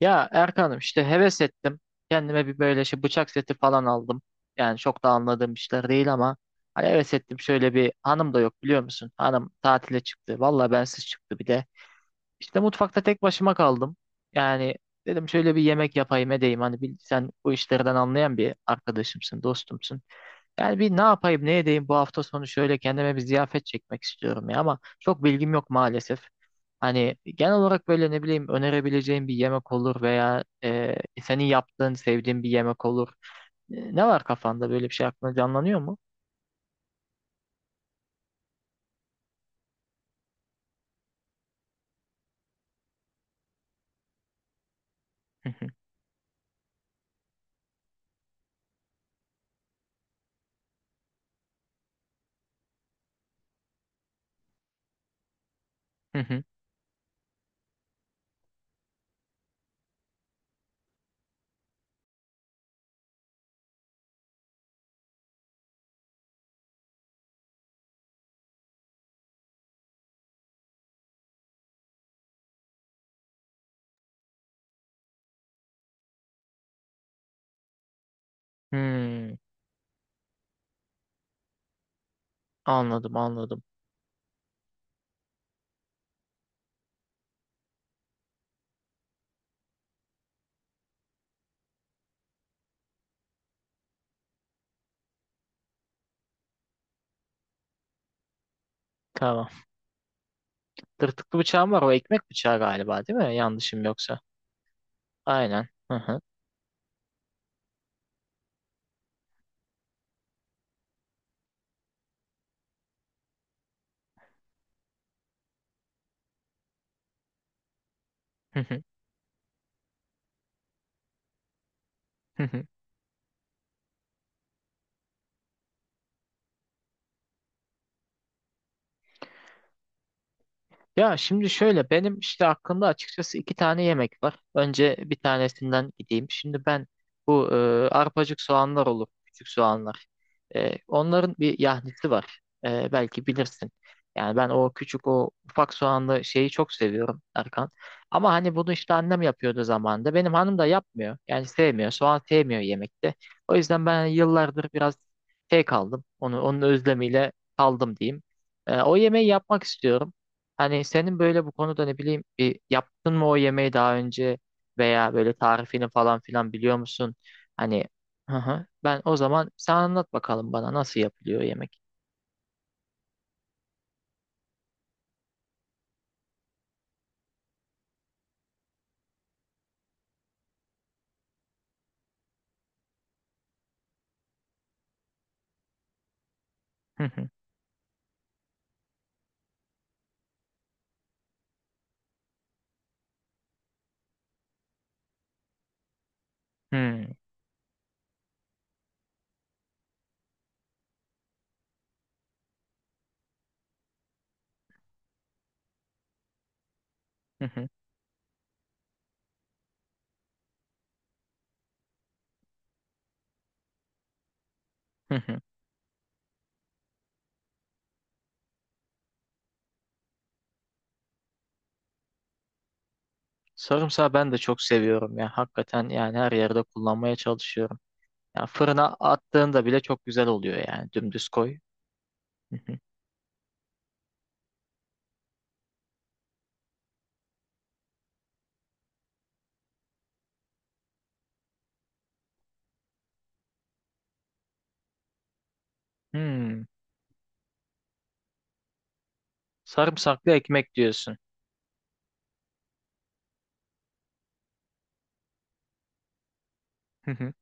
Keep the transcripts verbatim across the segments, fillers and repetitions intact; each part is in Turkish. Ya Erkan'ım işte heves ettim. Kendime bir böyle şey bıçak seti falan aldım. Yani çok da anladığım işler değil ama hani heves ettim. Şöyle bir hanım da yok biliyor musun? Hanım tatile çıktı. Valla bensiz çıktı bir de. İşte mutfakta tek başıma kaldım. Yani dedim şöyle bir yemek yapayım edeyim. Hani bil- sen bu işlerden anlayan bir arkadaşımsın, dostumsun. Yani bir ne yapayım ne edeyim bu hafta sonu şöyle kendime bir ziyafet çekmek istiyorum ya, ama çok bilgim yok maalesef. Hani genel olarak böyle ne bileyim önerebileceğim bir yemek olur veya e, senin yaptığın sevdiğin bir yemek olur. E, ne var kafanda, böyle bir şey aklına canlanıyor mu? Hı hı, hı hı. Hmm, anladım anladım. Tamam. Tırtıklı bıçağım var, o ekmek bıçağı galiba, değil mi? Yanlışım yoksa. Aynen. Hı hı, hı hı, hı hı. Ya şimdi şöyle, benim işte aklımda açıkçası iki tane yemek var. Önce bir tanesinden gideyim. Şimdi ben bu e, arpacık soğanlar olur, küçük soğanlar. E, onların bir yahnisi var. E, belki bilirsin. Yani ben o küçük, o ufak soğanlı şeyi çok seviyorum Erkan. Ama hani bunu işte annem yapıyordu zamanında. Benim hanım da yapmıyor. Yani sevmiyor. Soğan sevmiyor yemekte. O yüzden ben hani yıllardır biraz şey kaldım. Onu, onun özlemiyle kaldım diyeyim. E, o yemeği yapmak istiyorum. Hani senin böyle bu konuda, ne bileyim, bir yaptın mı o yemeği daha önce veya böyle tarifini falan filan biliyor musun? Hani. Hı hı. Ben o zaman, sen anlat bakalım bana, nasıl yapılıyor yemek. Hı hı. Hı hı, hı hı, hı. Sarımsağı ben de çok seviyorum ya. Hakikaten yani her yerde kullanmaya çalışıyorum. Ya fırına attığında bile çok güzel oluyor yani. Dümdüz koy. Hı hı. Hmm. Sarımsaklı ekmek diyorsun. Hı hı.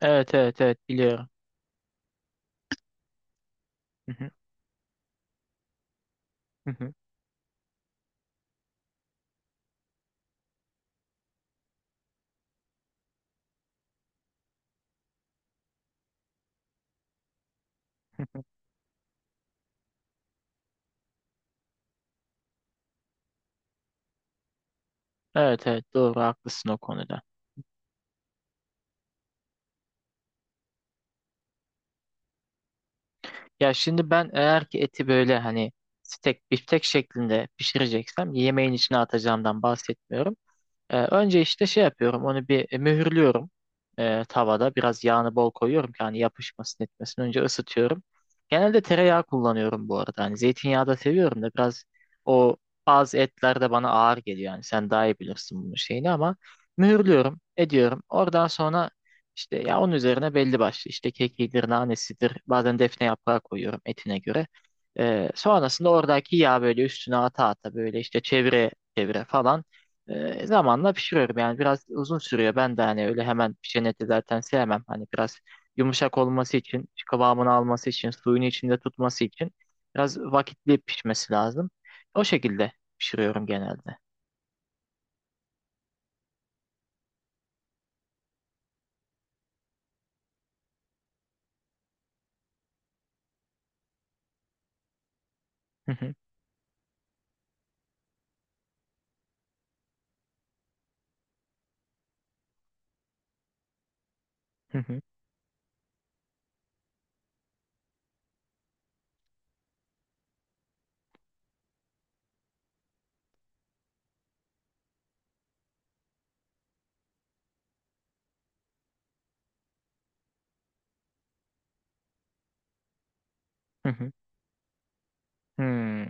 Evet, evet, evet, biliyorum. Hı hı. Hı hı. Evet, evet, doğru, haklısın o konuda. Ya şimdi ben, eğer ki eti böyle hani steak, biftek şeklinde pişireceksem, yemeğin içine atacağımdan bahsetmiyorum. Ee, önce işte şey yapıyorum, onu bir e, mühürlüyorum, ee, tavada biraz yağını bol koyuyorum ki hani yapışmasın etmesin, önce ısıtıyorum. Genelde tereyağı kullanıyorum bu arada, hani zeytinyağı da seviyorum da biraz o, bazı etler de bana ağır geliyor, yani sen daha iyi bilirsin bunun şeyini, ama mühürlüyorum ediyorum, oradan sonra işte ya onun üzerine belli başlı, işte kekidir, nanesidir, bazen defne yaprağı koyuyorum etine göre. Ee, sonrasında oradaki yağ böyle üstüne ata ata, böyle işte çevire çevire falan. E, zamanla pişiriyorum yani, biraz uzun sürüyor. Ben de hani öyle hemen pişen eti zaten sevmem. Hani biraz yumuşak olması için, işte kıvamını alması için, suyunu içinde tutması için biraz vakitli pişmesi lazım. O şekilde pişiriyorum genelde. Hı hı, hı hı, hı hı, hmm,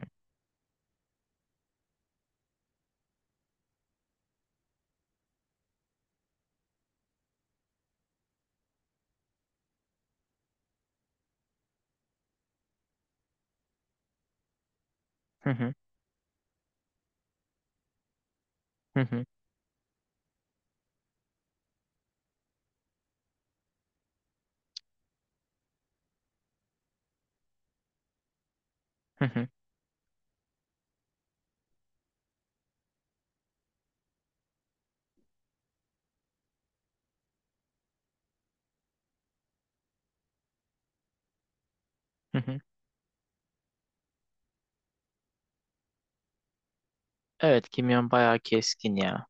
hı hı, hı hı, hı hı, hı hı. Evet, kimyon bayağı keskin ya.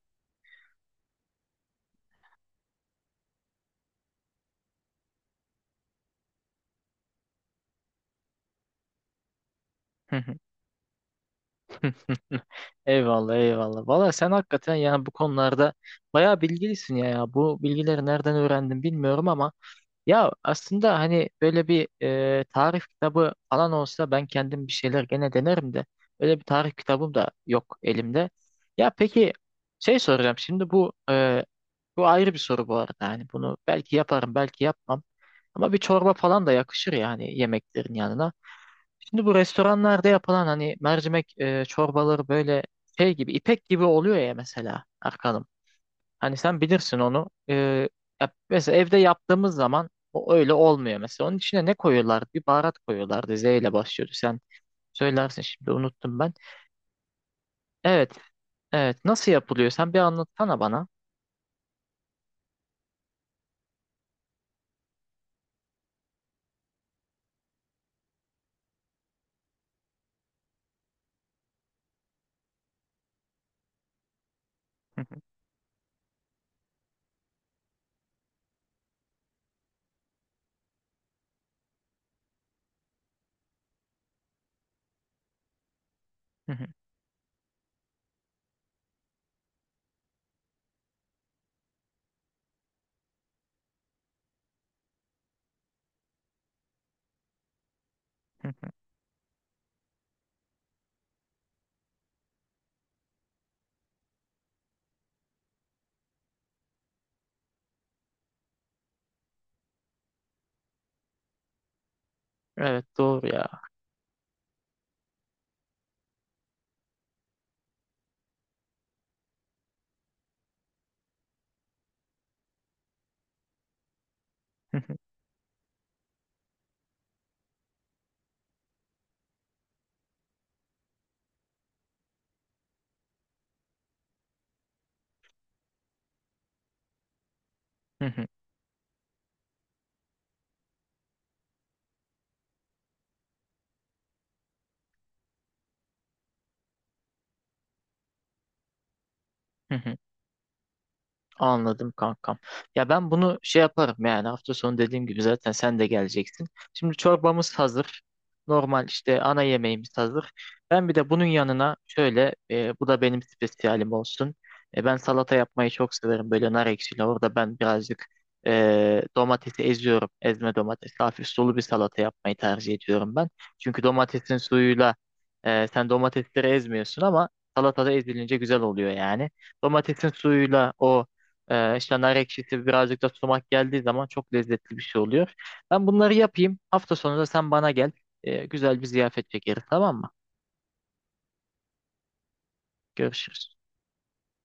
Hı hı, hı hı. Eyvallah, eyvallah. Valla sen hakikaten yani bu konularda bayağı bilgilisin ya, ya. Bu bilgileri nereden öğrendin bilmiyorum ama Ya aslında hani böyle bir e, tarif kitabı falan olsa ben kendim bir şeyler gene denerim de, öyle bir tarif kitabım da yok elimde. Ya peki, şey soracağım şimdi, bu e, bu ayrı bir soru bu arada, hani bunu belki yaparım belki yapmam, ama bir çorba falan da yakışır yani yemeklerin yanına. Şimdi bu restoranlarda yapılan hani mercimek e, çorbaları böyle şey gibi, ipek gibi oluyor ya mesela Erkan'ım. Hani sen bilirsin onu. Ee, ya mesela evde yaptığımız zaman o öyle olmuyor mesela. Onun içine ne koyuyorlar? Bir baharat koyuyorlardı. Z ile başlıyordu. Sen söylersin, şimdi unuttum ben. Evet, evet. Nasıl yapılıyor? Sen bir anlatsana bana. Evet, doğru ya. Anladım kankam. Ya ben bunu şey yaparım yani, hafta sonu dediğim gibi zaten sen de geleceksin. Şimdi çorbamız hazır. Normal işte ana yemeğimiz hazır. Ben bir de bunun yanına şöyle e, bu da benim spesiyalim olsun. E, ben salata yapmayı çok severim, böyle nar ekşili. Orada ben birazcık e, domatesi eziyorum. Ezme domates. Hafif sulu bir salata yapmayı tercih ediyorum ben. Çünkü domatesin suyuyla, e, sen domatesleri ezmiyorsun ama salatada ezilince güzel oluyor yani. Domatesin suyuyla o, ee, işte nar ekşisi, birazcık da sumak geldiği zaman çok lezzetli bir şey oluyor. Ben bunları yapayım. Hafta sonu da sen bana gel. Ee, güzel bir ziyafet çekeriz, tamam mı? Görüşürüz.